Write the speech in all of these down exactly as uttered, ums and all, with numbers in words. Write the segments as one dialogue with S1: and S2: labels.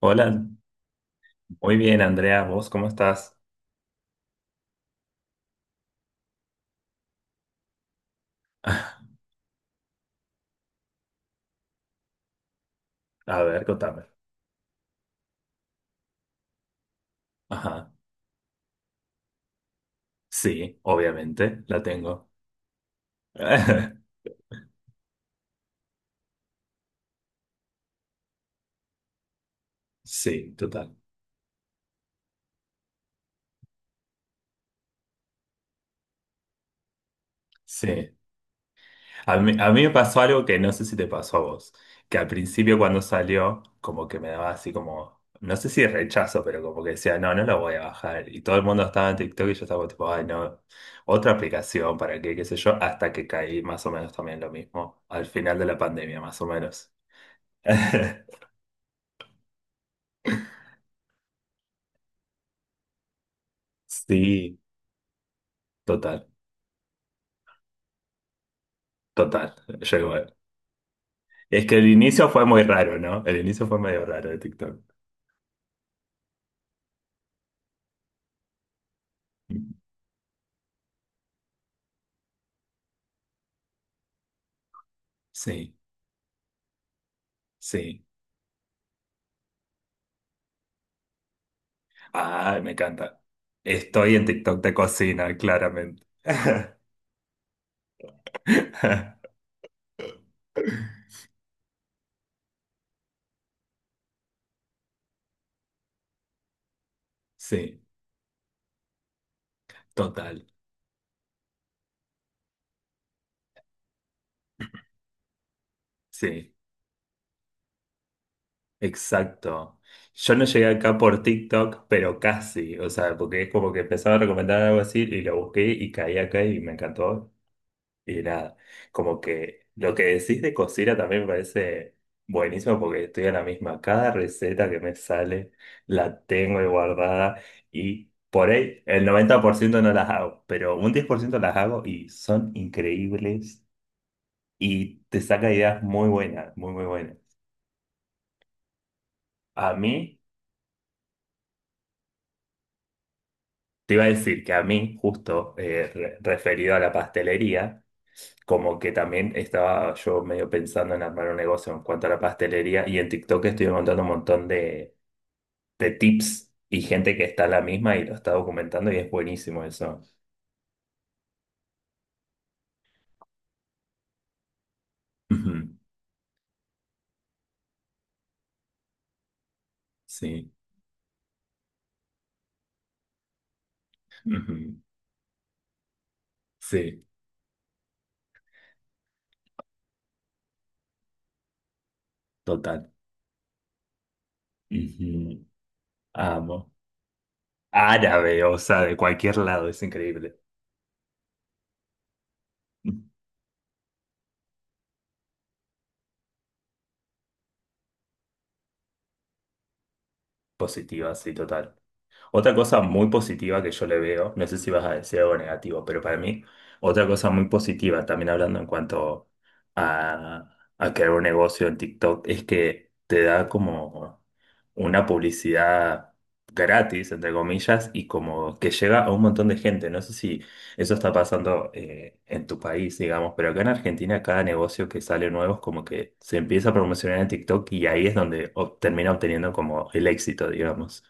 S1: Hola, muy bien, Andrea, ¿vos cómo estás? A ver, contame. Ajá, sí, obviamente, la tengo. Sí, total. Sí. A mí, a mí me pasó algo que no sé si te pasó a vos, que al principio cuando salió, como que me daba así como, no sé si rechazo, pero como que decía, no, no lo voy a bajar. Y todo el mundo estaba en TikTok y yo estaba tipo, ay, no, otra aplicación, ¿para qué? ¿Qué sé yo? Hasta que caí más o menos también lo mismo, al final de la pandemia, más o menos. Sí, total. Total, yo igual. Es que el inicio fue muy raro, ¿no? El inicio fue medio raro de TikTok. Sí, sí. Ay, me encanta. Estoy en TikTok de cocina, claramente. Sí, total. Sí, exacto. Yo no llegué acá por TikTok, pero casi. O sea, porque es como que empezaba a recomendar algo así y lo busqué y caí acá y me encantó. Y nada, como que lo que decís de cocina también me parece buenísimo porque estoy en la misma. Cada receta que me sale la tengo ahí guardada y por ahí el noventa por ciento no las hago, pero un diez por ciento las hago y son increíbles y te saca ideas muy buenas, muy, muy buenas. A mí, te iba a decir que a mí, justo eh, re- referido a la pastelería, como que también estaba yo medio pensando en armar un negocio en cuanto a la pastelería y en TikTok estoy montando un montón de, de tips y gente que está en la misma y lo está documentando y es buenísimo eso. Ujú, sí, ujú, sí, total. Ujú, amo. Árabe, o sea, de cualquier lado, es increíble. Positiva, sí, total. Otra cosa muy positiva que yo le veo, no sé si vas a decir algo negativo, pero para mí, otra cosa muy positiva, también hablando en cuanto a, a crear un negocio en TikTok, es que te da como una publicidad gratis, entre comillas, y como que llega a un montón de gente. No sé si eso está pasando eh, en tu país, digamos, pero acá en Argentina cada negocio que sale nuevo es como que se empieza a promocionar en TikTok y ahí es donde ob- termina obteniendo como el éxito, digamos.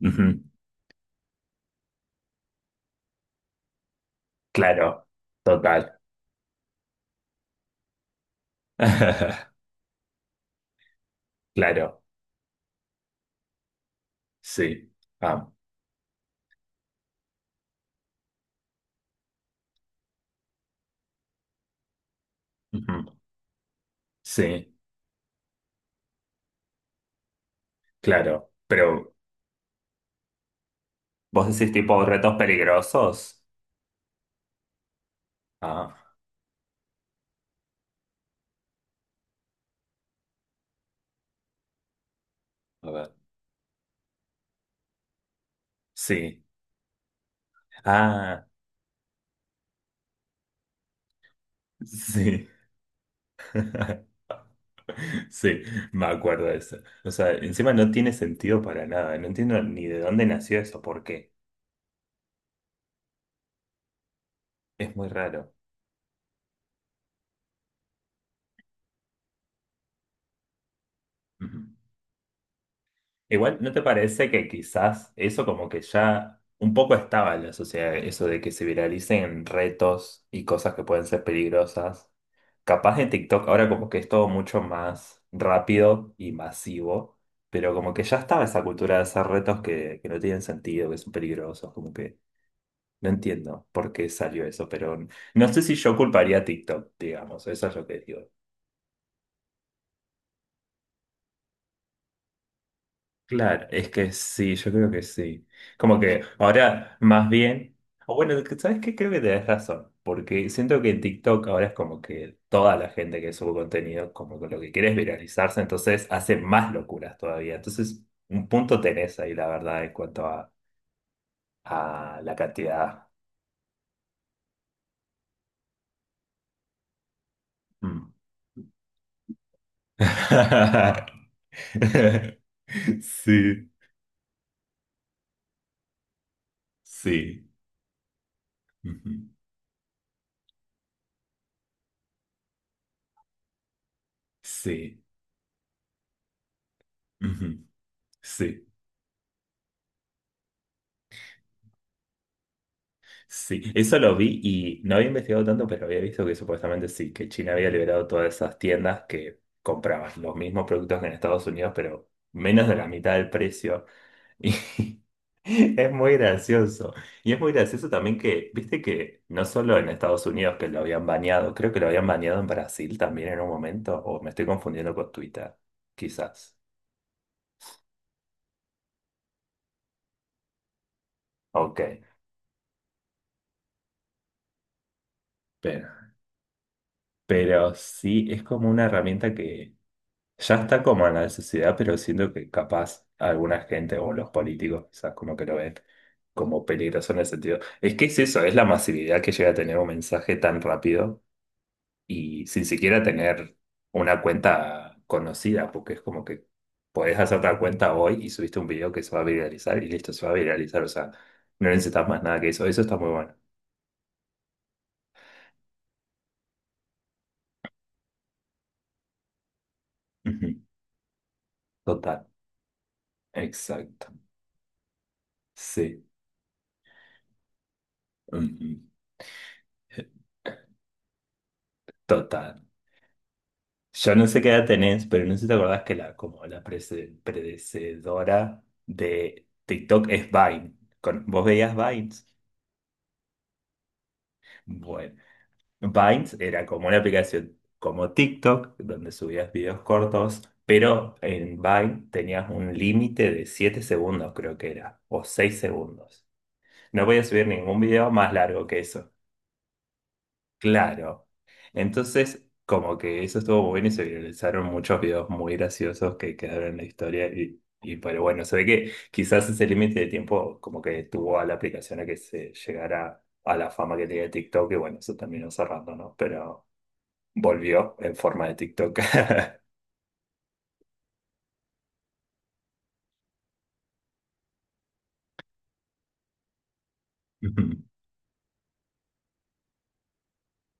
S1: Ujú. Claro, total. Claro, sí. Ah, ujú, sí, claro. Pero, ¿vos decís tipo retos peligrosos? Ah, a ver. Sí. Ah, sí. Sí, me acuerdo de eso. O sea, encima no tiene sentido para nada. No entiendo ni de dónde nació eso, por qué. Es muy raro. Ujú. Igual, ¿no te parece que quizás eso como que ya un poco estaba en la sociedad, eso de que se viralicen retos y cosas que pueden ser peligrosas? Capaz en TikTok ahora como que es todo mucho más rápido y masivo, pero como que ya estaba esa cultura de hacer retos que, que no tienen sentido, que son peligrosos, como que no entiendo por qué salió eso, pero no sé si yo culparía a TikTok, digamos, eso es lo que digo. Claro, es que sí, yo creo que sí. Como que ahora más bien, o bueno, ¿sabes qué? Creo que tenés razón, porque siento que en TikTok ahora es como que toda la gente que sube contenido, como que lo que quiere es viralizarse, entonces hace más locuras todavía. Entonces, un punto tenés ahí, la verdad, en cuanto a, a la cantidad. Mm. Sí, sí, ujú, sí, ujú, sí. Sí, eso lo vi y no había investigado tanto, pero había visto que supuestamente sí, que China había liberado todas esas tiendas que compraban los mismos productos que en Estados Unidos, pero menos de la mitad del precio. Y es muy gracioso. Y es muy gracioso también que, viste que no solo en Estados Unidos que lo habían baneado, creo que lo habían baneado en Brasil también en un momento, o me estoy confundiendo con Twitter, quizás. Ok, pero, pero sí, es como una herramienta que ya está como en la sociedad, pero siento que capaz alguna gente o los políticos quizás como que lo ven como peligroso en el sentido. Es que es eso, es la masividad que llega a tener un mensaje tan rápido y sin siquiera tener una cuenta conocida, porque es como que podés hacer una cuenta hoy y subiste un video que se va a viralizar y listo, se va a viralizar, o sea, no necesitas más nada que eso, eso está muy bueno. Ujú, total, exacto, sí, ujú, total. Yo no sé qué edad tenés, pero no sé si te acordás que la, como la prece- predecedora de TikTok es Vine. Con- ¿Vos veías Vines? Bueno, Vines era como una aplicación como TikTok, donde subías videos cortos, pero en Vine tenías un límite de siete segundos, creo que era, o seis segundos. No podías subir ningún video más largo que eso. Claro. Entonces, como que eso estuvo muy bien y se viralizaron muchos videos muy graciosos que quedaron en la historia y, y pero bueno, se ve que quizás ese límite de tiempo como que estuvo a la aplicación a que se llegara a la fama que tenía TikTok y bueno, eso terminó cerrando, ¿no? Pero volvió en forma de TikTok. Ujú.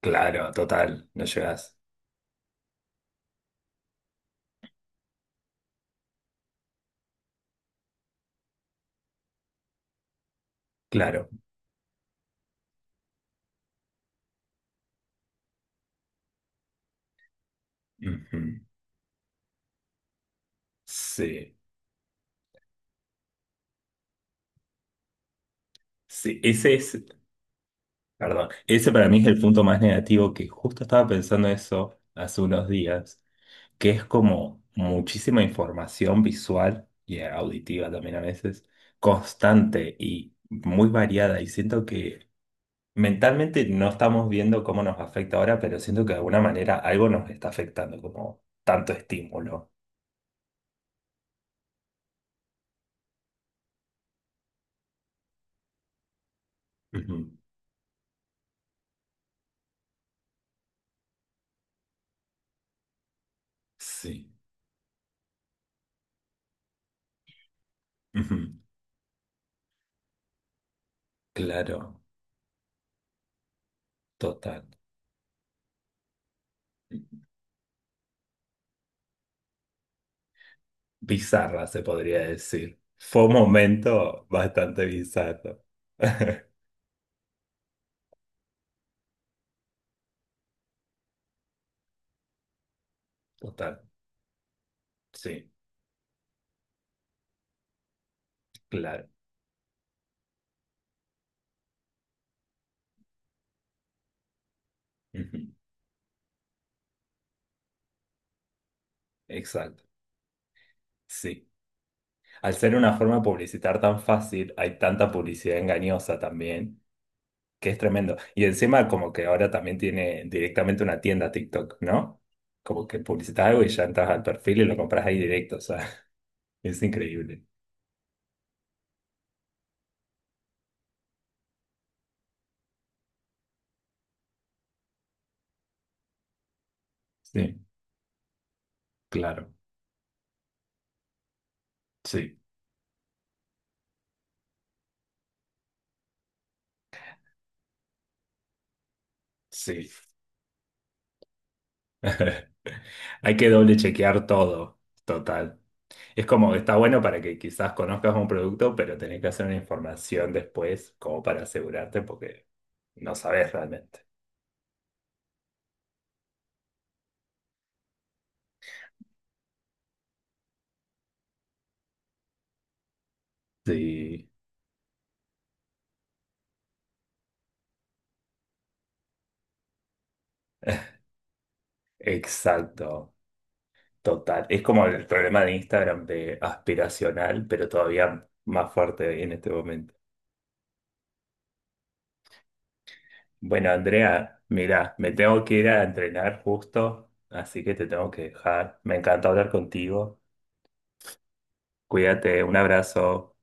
S1: Claro, total, no llegas. Claro. Ujú. Sí, sí, ese es. Perdón, ese para mí es el punto más negativo que justo estaba pensando eso hace unos días, que es como muchísima información visual y auditiva también a veces, constante y muy variada. Y siento que mentalmente no estamos viendo cómo nos afecta ahora, pero siento que de alguna manera algo nos está afectando, como tanto estímulo. Ujú, sí, ujú, claro, total. Bizarra, se podría decir. Fue un momento bastante bizarro. Total, sí, claro. Ujú, exacto, sí. Al ser una forma de publicitar tan fácil, hay tanta publicidad engañosa también, que es tremendo. Y encima como que ahora también tiene directamente una tienda TikTok, ¿no? Como que publicitas algo y ya entras al perfil y lo compras ahí directo, o sea, es increíble. Sí, claro, sí, sí. Hay que doble chequear todo, total. Es como que está bueno para que quizás conozcas un producto, pero tenés que hacer una información después como para asegurarte porque no sabes realmente. Sí, exacto, total. Es como el problema de Instagram de aspiracional, pero todavía más fuerte en este momento. Bueno, Andrea, mira, me tengo que ir a entrenar justo, así que te tengo que dejar. Me encanta hablar contigo. Cuídate, un abrazo.